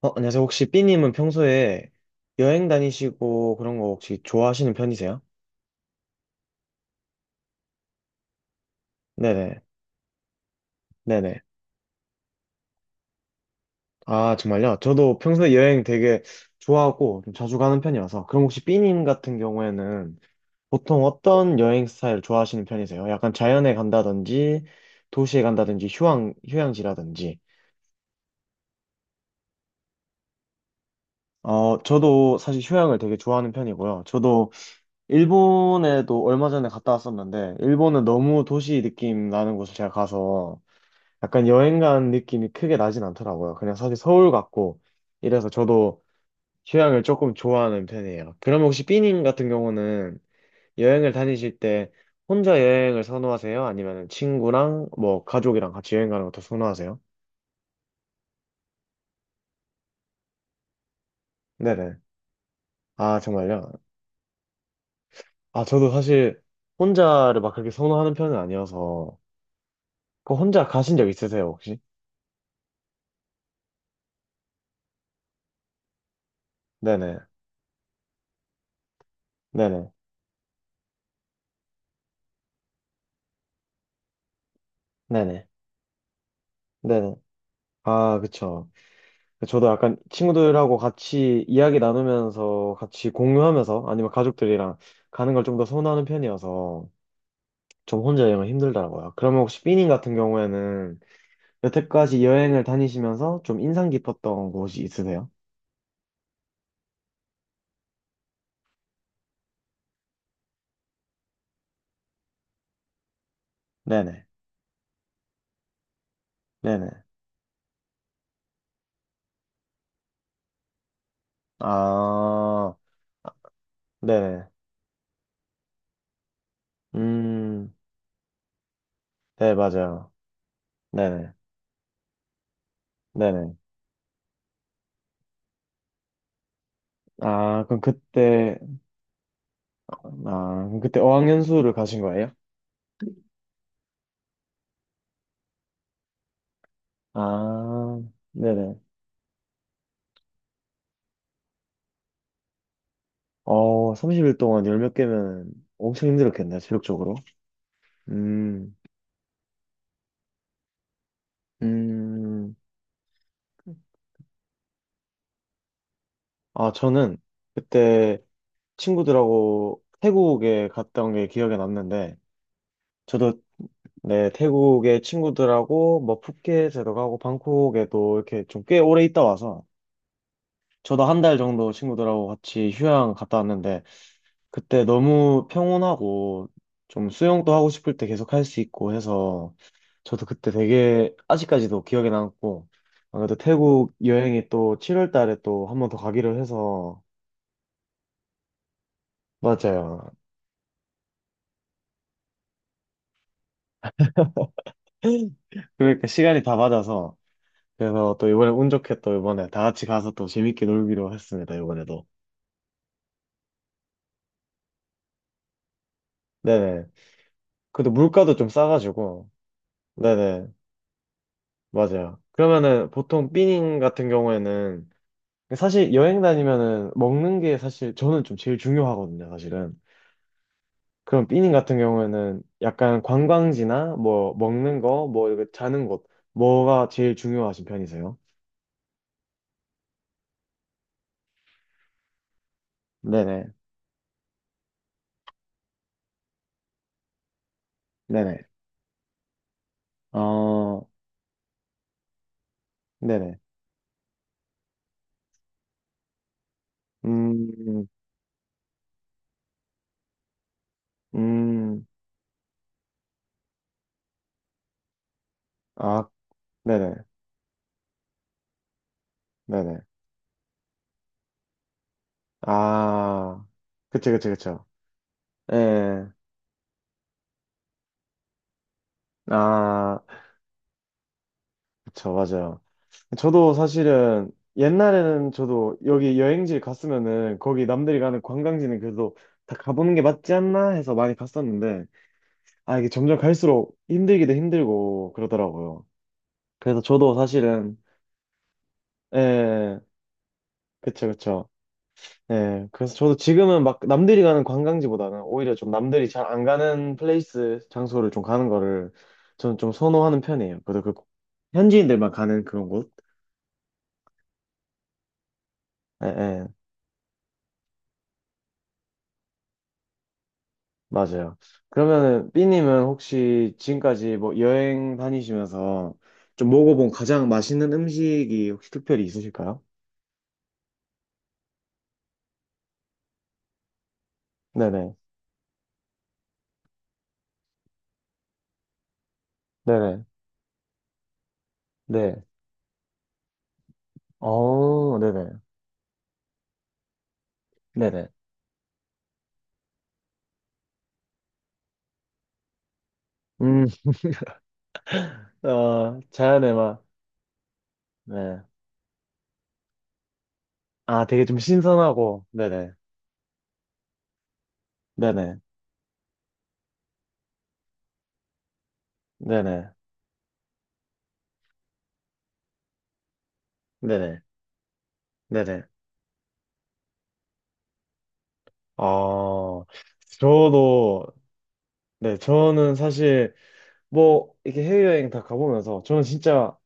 안녕하세요. 혹시 삐님은 평소에 여행 다니시고 그런 거 혹시 좋아하시는 편이세요? 네네. 네네. 아, 정말요? 저도 평소에 여행 되게 좋아하고 좀 자주 가는 편이라서. 그럼 혹시 삐님 같은 경우에는 보통 어떤 여행 스타일 좋아하시는 편이세요? 약간 자연에 간다든지, 도시에 간다든지, 휴양, 휴양지라든지. 저도 사실 휴양을 되게 좋아하는 편이고요. 저도 일본에도 얼마 전에 갔다 왔었는데, 일본은 너무 도시 느낌 나는 곳을 제가 가서 약간 여행 간 느낌이 크게 나진 않더라고요. 그냥 사실 서울 같고 이래서 저도 휴양을 조금 좋아하는 편이에요. 그럼 혹시 삐님 같은 경우는 여행을 다니실 때 혼자 여행을 선호하세요? 아니면 친구랑 뭐 가족이랑 같이 여행 가는 것도 선호하세요? 네네. 아, 정말요? 아, 저도 사실 혼자를 막 그렇게 선호하는 편은 아니어서 그 혼자 가신 적 있으세요, 혹시? 네네. 네네. 네네. 네네. 아, 그쵸. 저도 약간 친구들하고 같이 이야기 나누면서 같이 공유하면서 아니면 가족들이랑 가는 걸 좀 더 선호하는 편이어서 좀 혼자 여행은 힘들더라고요. 그러면 혹시 삐님 같은 경우에는 여태까지 여행을 다니시면서 좀 인상 깊었던 곳이 있으세요? 네네. 네네. 아, 네네. 음. 네, 맞아요. 네네. 네네. 아, 그럼 그때, 아, 그럼 그때 어학연수를 가신 거예요? 아, 네네. 어, 30일 동안 열몇 개면 엄청 힘들었겠네, 체력적으로. 음. 음. 아, 저는 그때 친구들하고 태국에 갔다 온 게 기억에 남는데, 저도 네, 태국에 친구들하고 뭐 푸켓에도 가고 방콕에도 이렇게 좀 꽤 오래 있다 와서, 저도 한 달 정도 친구들하고 같이 휴양 갔다 왔는데, 그때 너무 평온하고 좀 수영도 하고 싶을 때 계속 할 수 있고 해서 저도 그때 되게 아직까지도 기억에 남고 아무래도 태국 여행이 또 7월 달에 또 한번 더 가기로 해서. 맞아요. 그러니까 시간이 다 맞아서 그래서 또 이번에 운 좋게 또 이번에 다 같이 가서 또 재밌게 놀기로 했습니다. 이번에도. 네네. 그래도 물가도 좀 싸가지고. 네네. 맞아요. 그러면은 보통 삐닝 같은 경우에는 사실 여행 다니면은 먹는 게 사실 저는 좀 제일 중요하거든요, 사실은. 그럼 삐님 같은 경우에는 약간 관광지나 뭐 먹는 거, 뭐 이렇게 자는 곳, 뭐가 제일 중요하신 편이세요? 네네, 네네. 어, 네네. 음. 음. 아, 네네, 네네. 아, 그쵸, 그쵸, 그쵸. 예. 아, 그쵸, 맞아요. 저도 사실은 옛날에는 저도 여기 여행지 갔으면은 거기 남들이 가는 관광지는 그래도 다 가보는 게 맞지 않나 해서 많이 갔었는데 아 이게 점점 갈수록 힘들기도 힘들고 그러더라고요. 그래서 저도 사실은 예, 그쵸, 그쵸. 예, 그래서 저도 지금은 막 남들이 가는 관광지보다는 오히려 좀 남들이 잘 안 가는 플레이스 장소를 좀 가는 거를 저는 좀 선호하는 편이에요. 그래도 그 현지인들만 가는 그런 곳예예 맞아요. 그러면은 B님은 혹시 지금까지 뭐 여행 다니시면서 좀 먹어본 가장 맛있는 음식이 혹시 특별히 있으실까요? 네네. 네네. 네. 어, 네네. 네네. 음. 어, 자연의 맛. 네. 아, 되게 좀 신선하고. 네네. 네네. 네네. 네네. 네네. 어, 저도, 네, 저는 사실 뭐, 이렇게 해외여행 다 가보면서 저는 진짜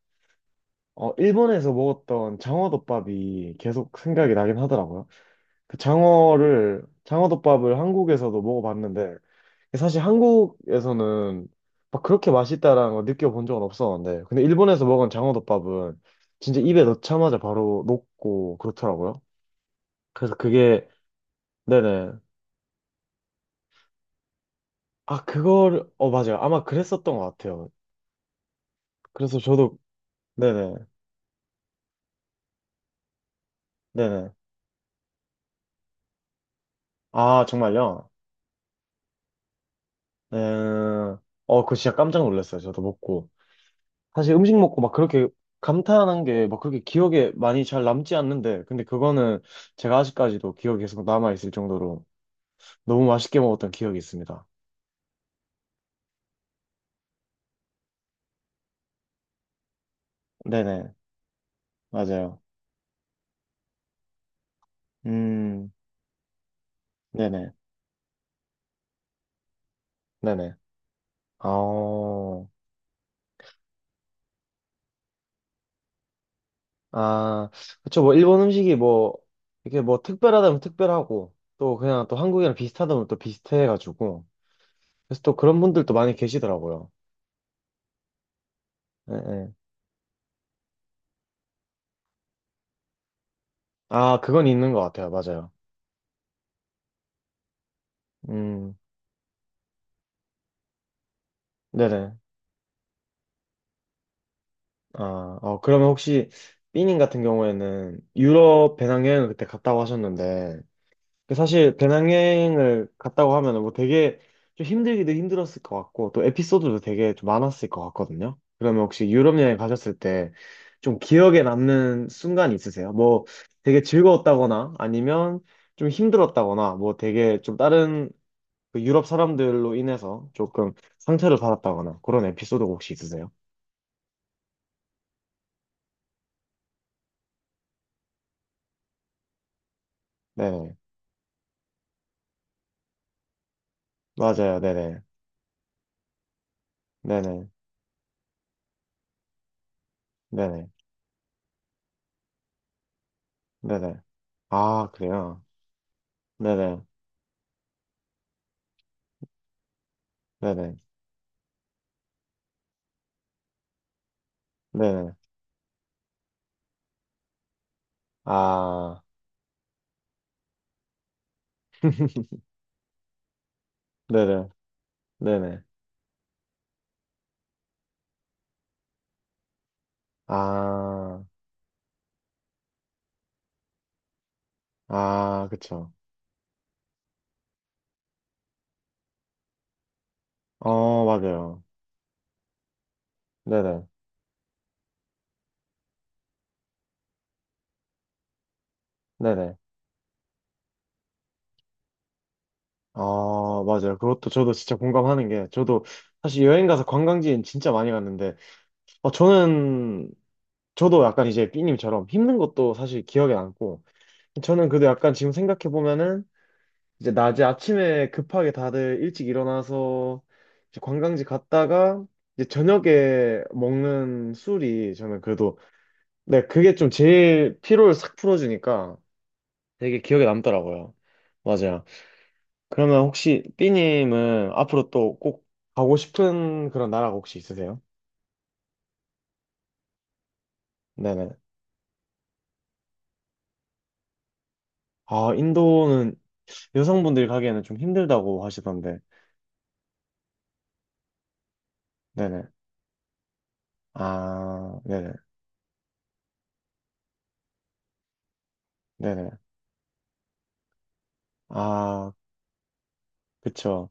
일본에서 먹었던 장어덮밥이 계속 생각이 나긴 하더라고요. 장어덮밥을 한국에서도 먹어봤는데, 사실 한국에서는 막 그렇게 맛있다라는 걸 느껴본 적은 없었는데, 근데 일본에서 먹은 장어덮밥은 진짜 입에 넣자마자 바로 녹고 그렇더라고요. 그래서 그게, 네네. 아, 그거를, 어, 맞아요. 아마 그랬었던 것 같아요. 그래서 저도, 네네, 네네. 아, 정말요? 네. 어, 그거 진짜 깜짝 놀랐어요. 저도 먹고. 사실 음식 먹고 막 그렇게 감탄한 게 막 그렇게 기억에 많이 잘 남지 않는데, 근데 그거는 제가 아직까지도 기억이 계속 남아있을 정도로 너무 맛있게 먹었던 기억이 있습니다. 네네, 맞아요. 음. 네네, 네네. 아. 아, 그쵸, 뭐, 일본 음식이 뭐, 이렇게 뭐 특별하다면 특별하고, 또 그냥 또 한국이랑 비슷하다면 또 비슷해가지고, 그래서 또 그런 분들도 많이 계시더라고요. 네, 네. 아, 그건 있는 것 같아요. 맞아요. 음. 네네. 아, 어, 그러면 혹시 삐님 같은 경우에는 유럽 배낭여행을 그때 갔다고 하셨는데 그 사실 배낭여행을 갔다고 하면은 뭐 되게 좀 힘들기도 힘들었을 것 같고 또 에피소드도 되게 좀 많았을 것 같거든요. 그러면 혹시 유럽 여행 가셨을 때 좀 기억에 남는 순간 있으세요? 뭐 되게 즐거웠다거나 아니면 좀 힘들었다거나 뭐 되게 좀 다른 그 유럽 사람들로 인해서 조금 상처를 받았다거나 그런 에피소드가 혹시 있으세요? 네네. 맞아요. 네네. 네네, 네네, 네네. 아, 그래요? 네네, 네네, 네네. 아, 네네, 네네. 아. 아, 그쵸. 어, 맞아요. 네네, 네네. 어, 맞아요. 그것도 저도 진짜 공감하는 게, 저도 사실 여행 가서 관광지엔 진짜 많이 갔는데, 어, 저는, 저도 약간 이제 삐님처럼 힘든 것도 사실 기억에 남고, 저는 그래도 약간 지금 생각해보면은, 이제 낮에 아침에 급하게 다들 일찍 일어나서 이제 관광지 갔다가 이제 저녁에 먹는 술이 저는 그래도 네, 그게 좀 제일 피로를 싹 풀어주니까 되게 기억에 남더라고요. 맞아요. 그러면 혹시 삐님은 앞으로 또 꼭 가고 싶은 그런 나라가 혹시 있으세요? 네네. 아, 인도는 여성분들이 가기에는 좀 힘들다고 하시던데. 네네. 아, 네네. 네네. 아, 그쵸.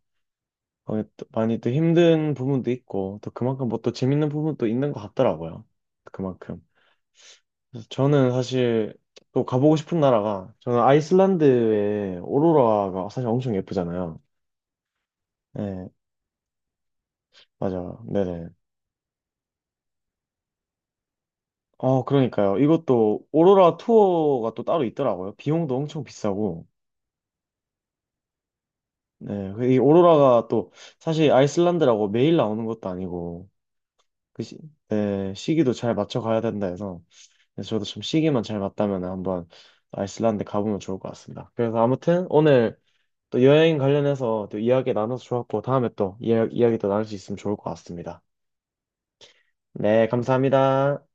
어, 또 많이 또 힘든 부분도 있고, 또 그만큼 뭐 또 재밌는 부분도 있는 것 같더라고요. 그만큼. 그래서 저는 사실 또 가보고 싶은 나라가, 저는 아이슬란드의 오로라가 사실 엄청 예쁘잖아요. 네, 맞아요. 네네. 어, 그러니까요. 이것도 오로라 투어가 또 따로 있더라고요. 비용도 엄청 비싸고. 네, 그이 오로라가 또 사실 아이슬란드라고 매일 나오는 것도 아니고, 그 시, 네, 시기도 잘 맞춰 가야 된다 해서. 그래서 저도 좀 시기만 잘 맞다면 한번 아이슬란드 가보면 좋을 것 같습니다. 그래서 아무튼 오늘 또 여행 관련해서 또 이야기 나눠서 좋았고 다음에 또 이야기 또 나눌 수 있으면 좋을 것 같습니다. 네, 감사합니다.